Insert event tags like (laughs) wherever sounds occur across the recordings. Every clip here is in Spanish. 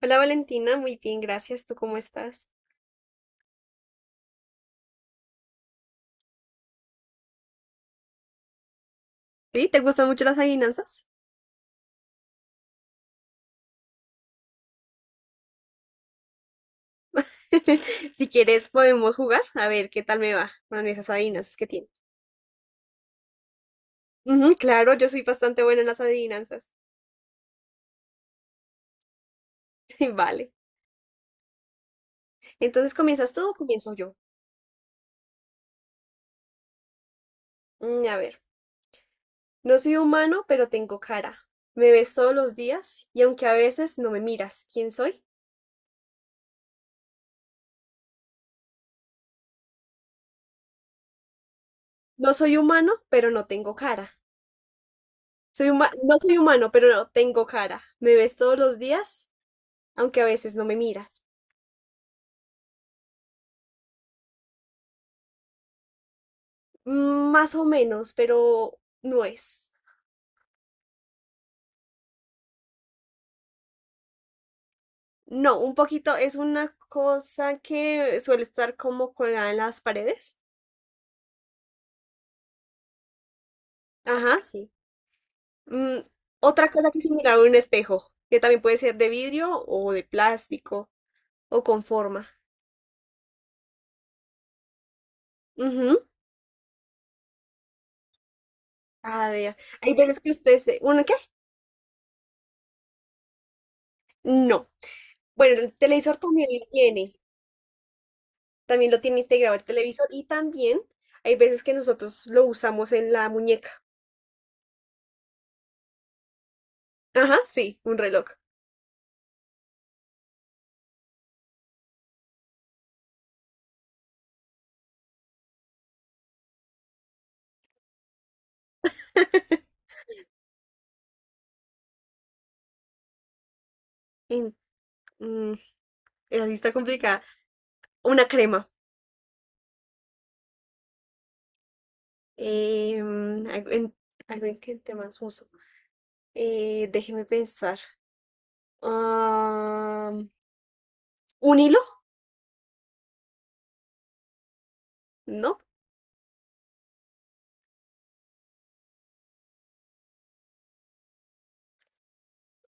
Hola Valentina, muy bien, gracias. ¿Tú cómo estás? ¿Sí? ¿Te gustan mucho las adivinanzas? (laughs) Si quieres, podemos jugar a ver qué tal me va con esas adivinanzas que tienes. Ujú, claro, yo soy bastante buena en las adivinanzas. (laughs) Vale. Entonces, ¿comienzas tú o comienzo yo? Mm, a ver, no soy humano, pero tengo cara. Me ves todos los días y aunque a veces no me miras, ¿quién soy? No soy humano, pero no tengo cara. No soy humano, pero no tengo cara. Me ves todos los días, aunque a veces no me miras. Más o menos, pero no es. No, un poquito, es una cosa que suele estar como colgada en las paredes. Ajá, sí. Mm, otra cosa que es similar a un espejo, que también puede ser de vidrio o de plástico o con forma. Ujú. A ver, hay veces que ustedes... ¿Uno qué? No. Bueno, el televisor también lo tiene. También lo tiene integrado el televisor y también hay veces que nosotros lo usamos en la muñeca. Ajá, sí, un reloj. En- mm, Esa sí está complicada. Una crema. Algo en, algo en que te más uso. Déjeme pensar. Ah, ¿un hilo? No.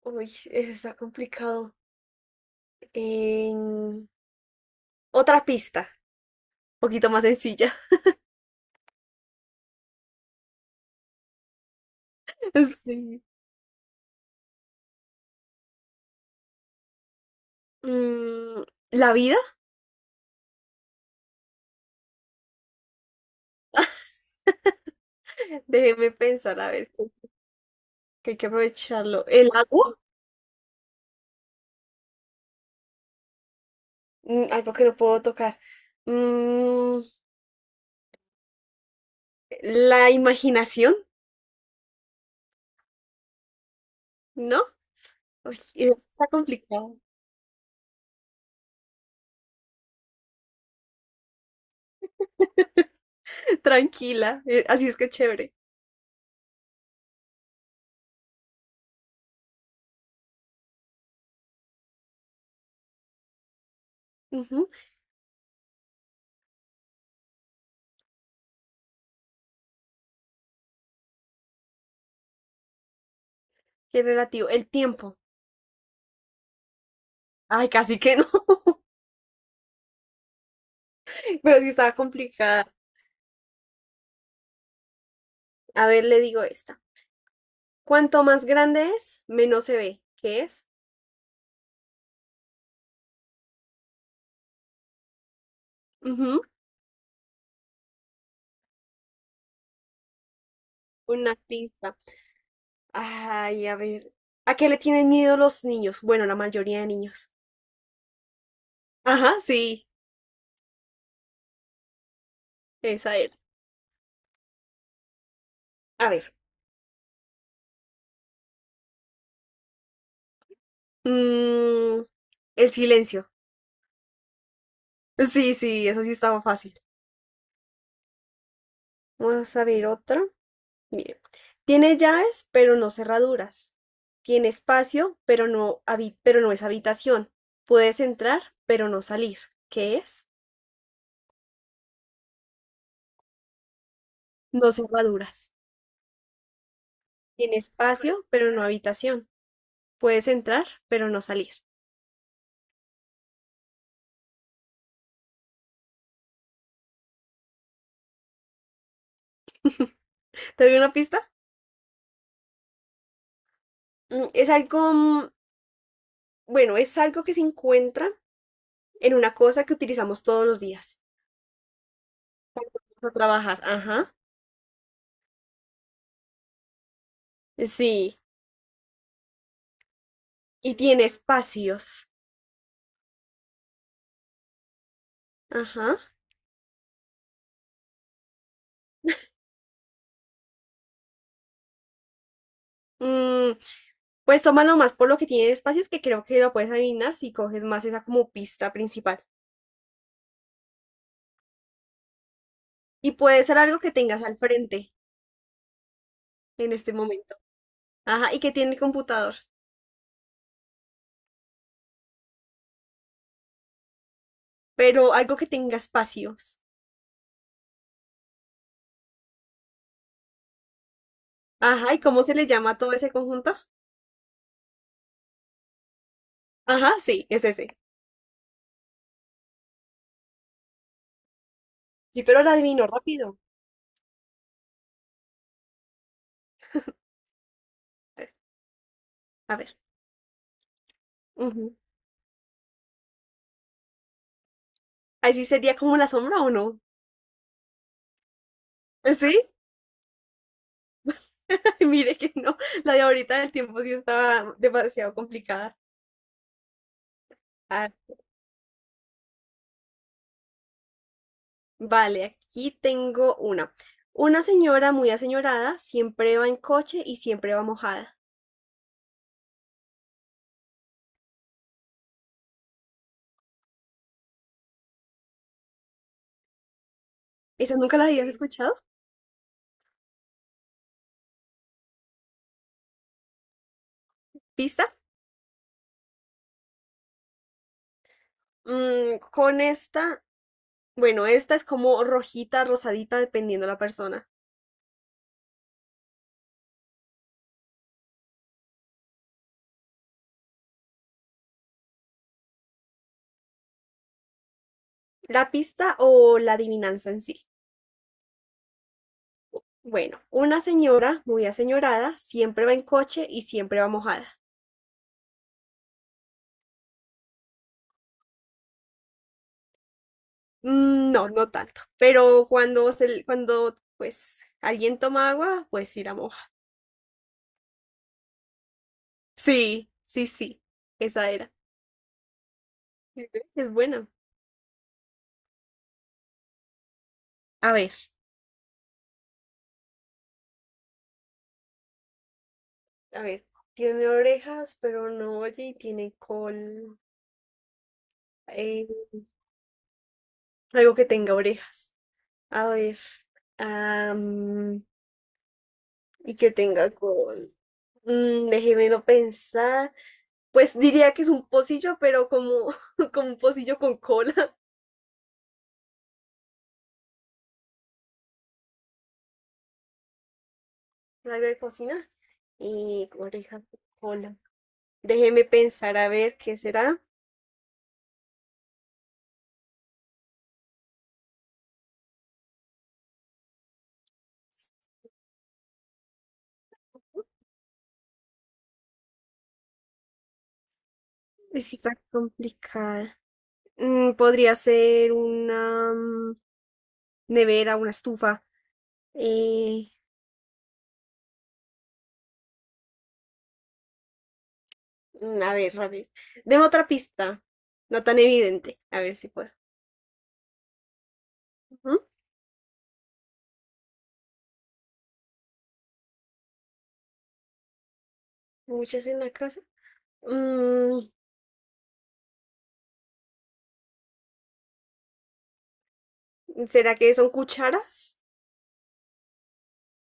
Uy, eso está complicado. Em, otra pista. Un poquito más sencilla. (laughs) Sí. Mm, ¿la vida? Déjeme pensar, a ver, que hay que aprovecharlo. ¿El agua? Mm, algo que no puedo tocar. Mm, ¿la imaginación? ¿No? Uy, eso está complicado. Tranquila. Así es que chévere. Ujú, qué relativo. El tiempo. Ay, casi que no, (laughs) pero sí estaba complicada. A ver, le digo esta. Cuanto más grande es, menos se ve. ¿Qué es? Ujú, una pista. Ay, a ver. ¿A qué le tienen miedo los niños? Bueno, la mayoría de niños. Ajá, sí, esa era. A ver. mm, el silencio. Sí, sí, eso sí estaba fácil. Vamos a ver otra. Mire, tiene llaves, pero no cerraduras. Tiene espacio, pero pero no es habitación. Puedes entrar, pero no salir. ¿Qué es? No cerraduras. Tiene espacio, pero no habitación. Puedes entrar, pero no salir. ¿Te doy una pista? Mm, es algo, mm, bueno, es algo que se encuentra en una cosa que utilizamos todos los días. Para trabajar, ajá. Sí. Y tiene espacios. Ajá. Mm, pues tómalo más por lo que tiene de espacios, que creo que lo puedes adivinar si coges más esa como pista principal. Y puede ser algo que tengas al frente en este momento. Ajá, y que tiene el computador. Pero algo que tenga espacios. Ajá, ¿y cómo se le llama a todo ese conjunto? Ajá, sí, es ese. Sí, pero la adivino rápido. A ver. A ver. Ujú. Ahí sí sería como la sombra, o no. ¿Sí? (laughs) Mire que no. La de ahorita del tiempo sí estaba demasiado complicada. A Vale, aquí tengo una. Una señora muy aseñorada siempre va en coche y siempre va mojada. ¿Esa nunca la habías escuchado? ¿Pista? Mm, con esta, bueno, esta es como rojita, rosadita, dependiendo la persona. ¿La pista o la adivinanza en sí? Bueno, una señora muy aseñorada siempre va en coche y siempre va mojada. Mm, no, no tanto. Pero cuando se, cuando pues alguien toma agua, pues sí la moja. Sí, sí, sí. Esa era. Sí, ¿ves? Es buena. A ver, a ver, tiene orejas, pero no oye y tiene col. eh, algo que tenga orejas. A ver. am, y que tenga col. Mm, déjemelo pensar. Pues diría que es un pocillo, pero como, (laughs) como un pocillo con cola. (laughs) Algo de cocina. Y orejas con cola. Déjeme pensar a ver qué será. Es que está complicada. Mm, podría ser una mm, nevera, una estufa. Eh, a ver, a ver. Deme otra pista. No tan evidente. A ver si puedo. Ujú. Muchas en la casa. Mm, ¿será que son cucharas?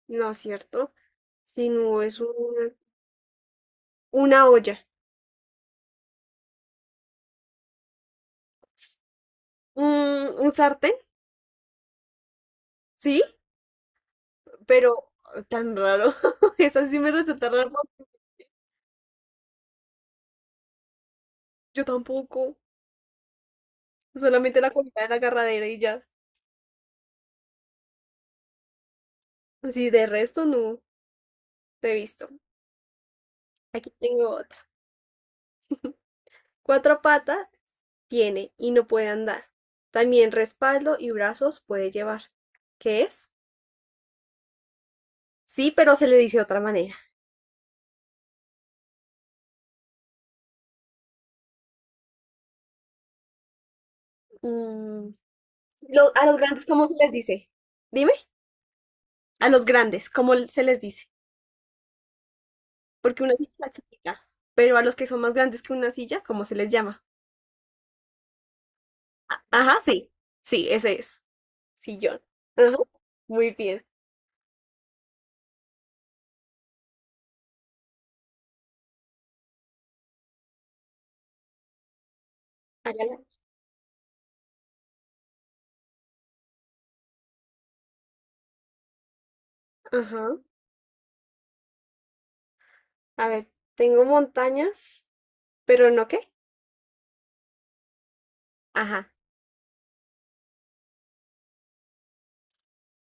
No, ¿cierto? Si no, es una olla. Mm, ¿un sartén? Sí, pero tan raro. (laughs) Esa sí me resulta raro. Yo tampoco. Solamente la comida de la agarradera y ya. Sí, de resto no te he visto. Aquí tengo otra. Cuatro patas tiene y no puede andar. También respaldo y brazos puede llevar. ¿Qué es? Sí, pero se le dice de otra manera. Mm, a los grandes, ¿cómo se les dice? Dime, a los grandes, ¿cómo se les dice? Porque una silla es la chiquita, pero a los que son más grandes que una silla, ¿cómo se les llama? Ajá, sí. Sí, ese es. Sillón. Ajá, muy bien. Hágala. Ajá. A ver, tengo montañas, pero no qué. Ajá.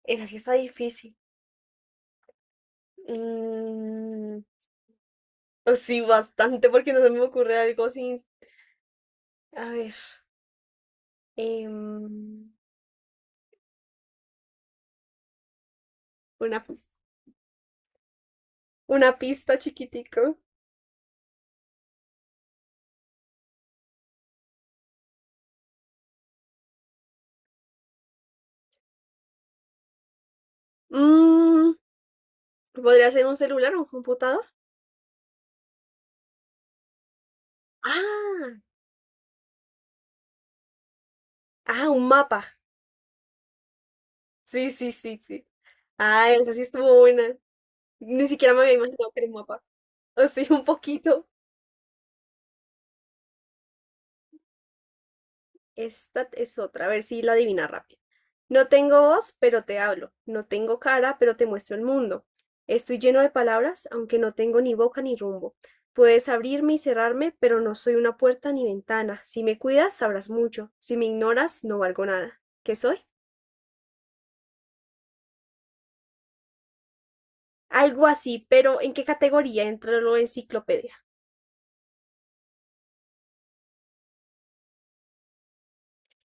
Esa sí está difícil. Mm, pues sí, bastante, porque no se me ocurre algo sin. A ver. em, una pista. Una pista chiquitico. Mm, ¿podría ser un celular o un computador? Ah, ah, un mapa. Sí, sí, sí, sí. Ah, esa sí estuvo buena. Ni siquiera me había imaginado que era un mapa. O sí, un poquito. Esta es otra, a ver si la adivina rápido. No tengo voz, pero te hablo. No tengo cara, pero te muestro el mundo. Estoy lleno de palabras, aunque no tengo ni boca ni rumbo. Puedes abrirme y cerrarme, pero no soy una puerta ni ventana. Si me cuidas, sabrás mucho. Si me ignoras, no valgo nada. ¿Qué soy? Algo así, pero ¿en qué categoría entra la enciclopedia?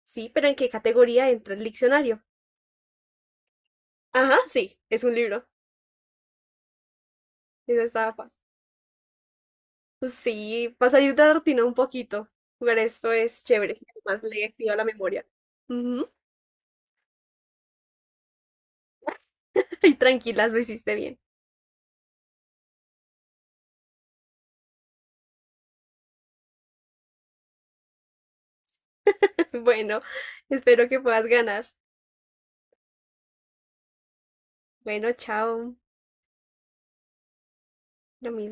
Sí, pero ¿en qué categoría entra el diccionario? Ajá, sí, es un libro. Esa estaba fácil. Sí, para salir de la rutina un poquito. Jugar esto es chévere. Además, le activa la memoria. Ujú. (laughs) Y tranquilas, lo hiciste bien. (laughs) Bueno, espero que puedas ganar. Bueno, chao. Lo mismo.